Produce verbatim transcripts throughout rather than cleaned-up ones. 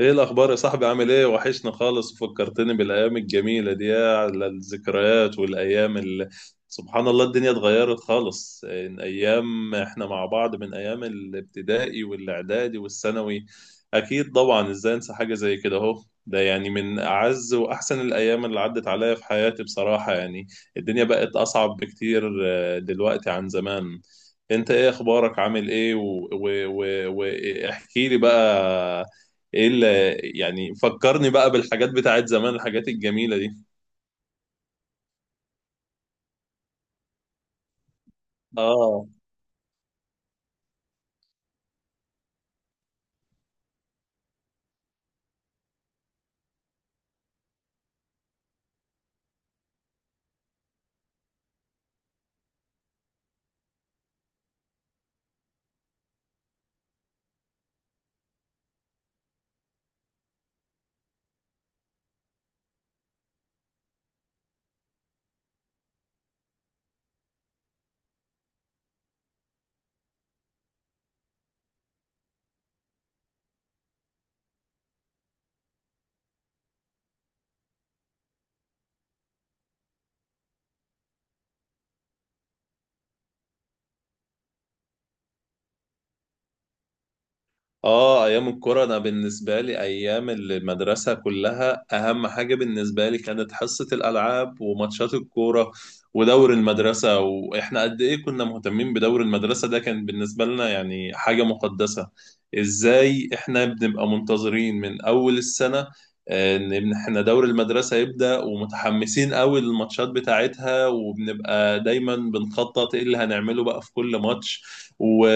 ايه الاخبار يا صاحبي؟ عامل ايه؟ وحشنا خالص. فكرتني بالايام الجميله دي، يا على الذكريات والايام اللي سبحان الله، الدنيا اتغيرت خالص من ايام احنا مع بعض، من ايام الابتدائي والاعدادي والثانوي. اكيد طبعا، ازاي انسى حاجه زي كده؟ اهو ده يعني من اعز واحسن الايام اللي عدت عليا في حياتي بصراحه يعني. الدنيا بقت اصعب بكتير آه، دلوقتي عن زمان. انت ايه اخبارك؟ عامل ايه؟ واحكي لي بقى. ايه اللي يعني فكرني بقى بالحاجات بتاعت زمان؟ الحاجات الجميلة دي؟ اه. اه، ايام الكوره، انا بالنسبه لي ايام المدرسه كلها اهم حاجه بالنسبه لي كانت حصه الالعاب وماتشات الكوره ودور المدرسه، واحنا قد ايه كنا مهتمين بدور المدرسه، ده كان بالنسبه لنا يعني حاجه مقدسه. ازاي احنا بنبقى منتظرين من اول السنه آه، ان احنا دور المدرسه يبدا، ومتحمسين قوي للماتشات بتاعتها، وبنبقى دايما بنخطط ايه اللي هنعمله بقى في كل ماتش.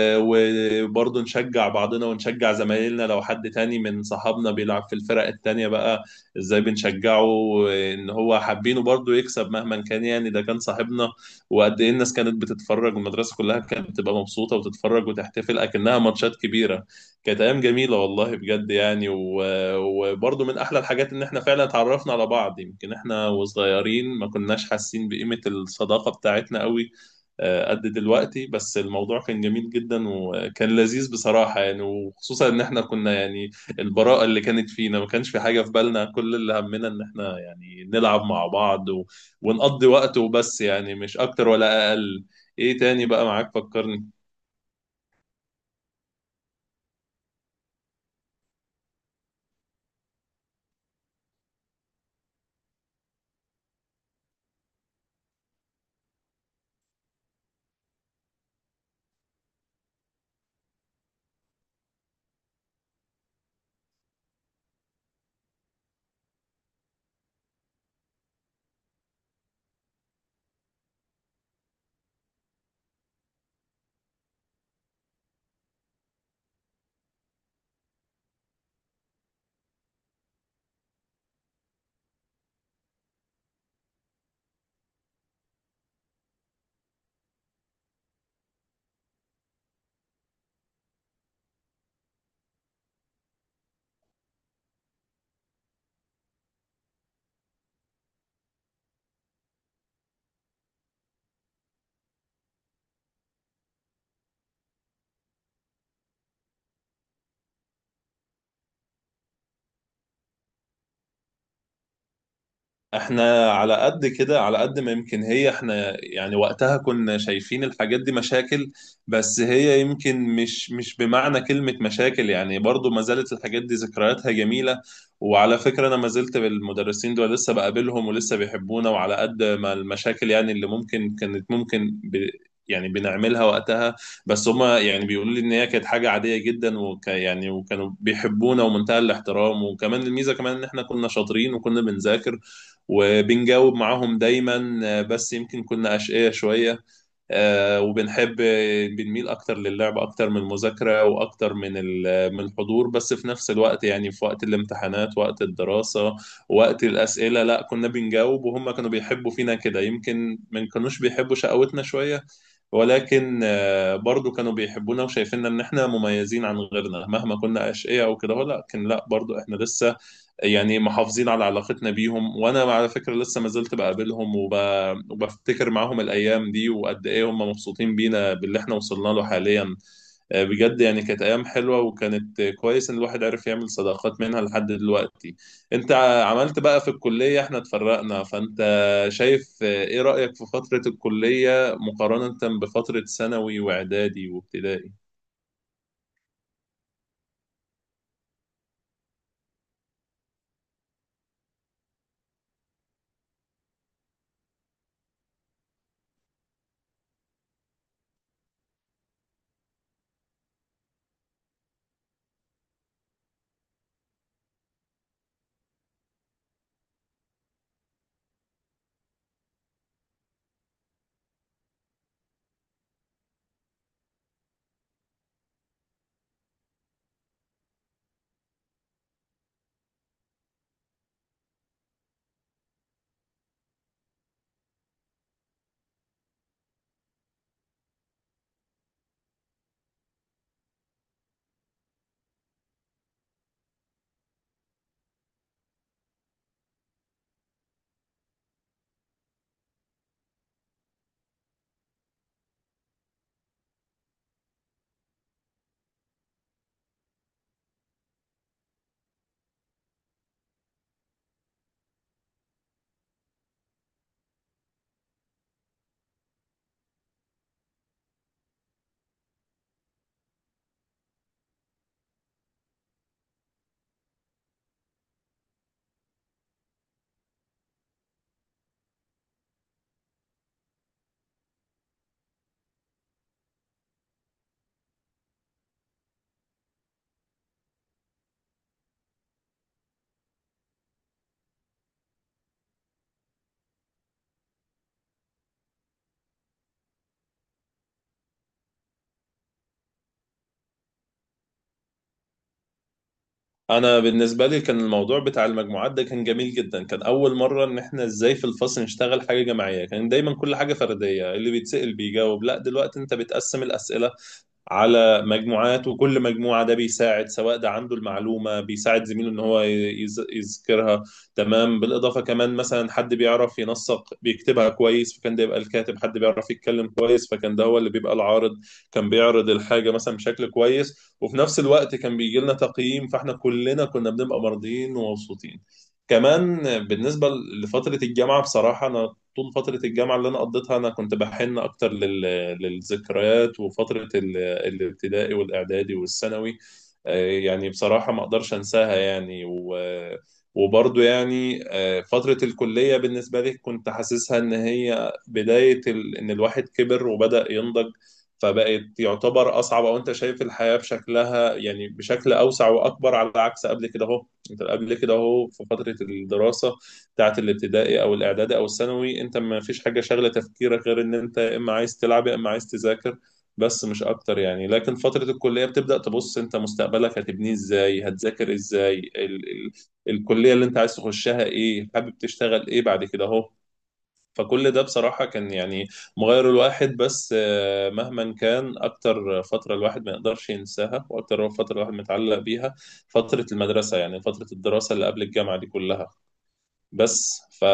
وبرضه نشجع بعضنا ونشجع زمايلنا، لو حد تاني من صحابنا بيلعب في الفرق التانية بقى ازاي بنشجعه، ان هو حابينه برضه يكسب مهما كان، يعني ده كان صاحبنا. وقد ايه الناس كانت بتتفرج، والمدرسة كلها كانت بتبقى مبسوطة وتتفرج وتحتفل اكنها ماتشات كبيرة. كانت ايام جميلة والله بجد يعني، و- وبرضه من احلى الحاجات ان احنا فعلا اتعرفنا على بعض. يمكن احنا وصغيرين ما كناش حاسين بقيمة الصداقة بتاعتنا قوي آه، قد دلوقتي، بس الموضوع كان جميل جدا وكان لذيذ بصراحة يعني، وخصوصا ان احنا كنا يعني البراءة اللي كانت فينا، ما كانش في حاجة في بالنا، كل اللي همنا ان احنا يعني نلعب مع بعض و... ونقضي وقت وبس، يعني مش اكتر ولا اقل. ايه تاني بقى معاك؟ فكرني. احنا على قد كده، على قد ما يمكن هي احنا يعني وقتها كنا شايفين الحاجات دي مشاكل، بس هي يمكن مش مش بمعنى كلمة مشاكل يعني. برضو ما زالت الحاجات دي ذكرياتها جميلة، وعلى فكرة انا ما زلت بالمدرسين دول، لسه بقابلهم ولسه بيحبونا. وعلى قد ما المشاكل يعني اللي ممكن كانت ممكن ب يعني بنعملها وقتها، بس هما يعني بيقولوا لي ان هي كانت حاجة عادية جدا، وك يعني وكانوا بيحبونا ومنتهى الاحترام. وكمان الميزة كمان ان احنا كنا شاطرين وكنا بنذاكر وبنجاوب معاهم دايما، آه، بس يمكن كنا أشقية شوية. آه، وبنحب آه، بنميل أكتر للعب أكتر من المذاكرة وأكتر من ال- آه، من الحضور، بس في نفس الوقت يعني في وقت الامتحانات، وقت الدراسة، وقت الأسئلة، لا كنا بنجاوب، وهم كانوا بيحبوا فينا كده. يمكن ما كانوش بيحبوا شقاوتنا شوية، ولكن آه، برضو كانوا بيحبونا وشايفيننا ان احنا مميزين عن غيرنا. مهما كنا اشقياء او كده لا، لكن لا، برضو احنا لسه يعني محافظين على علاقتنا بيهم، وانا على فكره لسه ما زلت بقابلهم وب... وبفتكر معاهم الايام دي، وقد ايه هم مبسوطين بينا باللي احنا وصلنا له حاليا. آه، بجد يعني كانت ايام حلوه، وكانت كويس ان الواحد عرف يعمل صداقات منها لحد دلوقتي. انت عملت بقى في الكليه، احنا اتفرقنا، فانت شايف آه، ايه رايك في فتره الكليه مقارنه بفتره ثانوي واعدادي وابتدائي؟ انا بالنسبه لي كان الموضوع بتاع المجموعات ده كان جميل جدا. كان اول مره ان احنا ازاي في الفصل نشتغل حاجه جماعيه، كان دايما كل حاجه فرديه، اللي بيتسال بيجاوب. لا، دلوقتي انت بتقسم الاسئله على مجموعات، وكل مجموعة ده بيساعد، سواء ده عنده المعلومة بيساعد زميله ان هو يز- يذكرها تمام. بالإضافة كمان مثلا حد بيعرف ينسق بيكتبها كويس فكان ده يبقى الكاتب، حد بيعرف يتكلم كويس فكان ده هو اللي بيبقى العارض. كان بيعرض الحاجة مثلا بشكل كويس، وفي نفس الوقت كان بيجي لنا تقييم، فاحنا كلنا كنا بنبقى مرضيين ومبسوطين كمان. بالنسبة لفترة الجامعة بصراحة، أنا طول فترة الجامعة اللي أنا قضيتها أنا كنت بحن أكتر لل... للذكريات وفترة ال... الابتدائي والاعدادي والثانوي. آه، يعني بصراحة ما اقدرش انساها يعني، و وبرضه يعني آه، فترة الكلية بالنسبة لي كنت حاسسها إن هي بداية ال... إن الواحد كبر وبدأ ينضج. فبقت يعتبر أصعب، أو أنت شايف الحياة بشكلها يعني بشكل أوسع وأكبر، على عكس قبل كده أهو. أنت قبل كده أهو في فترة الدراسة بتاعة الابتدائي أو الإعدادي أو الثانوي، أنت ما فيش حاجة شاغلة تفكيرك غير إن أنت إما عايز تلعب يا إما عايز تذاكر بس، مش اكتر يعني. لكن فترة الكلية بتبدأ تبص انت مستقبلك هتبنيه ازاي، هتذاكر ازاي، ال ال الكلية اللي انت عايز تخشها ايه، حابب تشتغل ايه بعد كده اهو. فكل ده بصراحة كان يعني مغير الواحد. بس آه، مهما كان، أكتر فترة الواحد ما يقدرش ينساها وأكتر فترة الواحد متعلق بيها فترة المدرسة، يعني فترة الدراسة اللي قبل الجامعة دي كلها. بس ف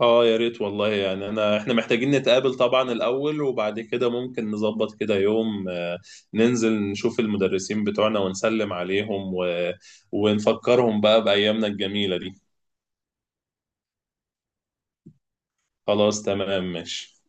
اه، يا ريت والله يعني، انا احنا محتاجين نتقابل طبعا الاول، وبعد كده ممكن نظبط كده يوم آه، ننزل نشوف المدرسين بتوعنا ونسلم عليهم و... ونفكرهم بقى بأيامنا الجميلة دي. خلاص تمام ماشي.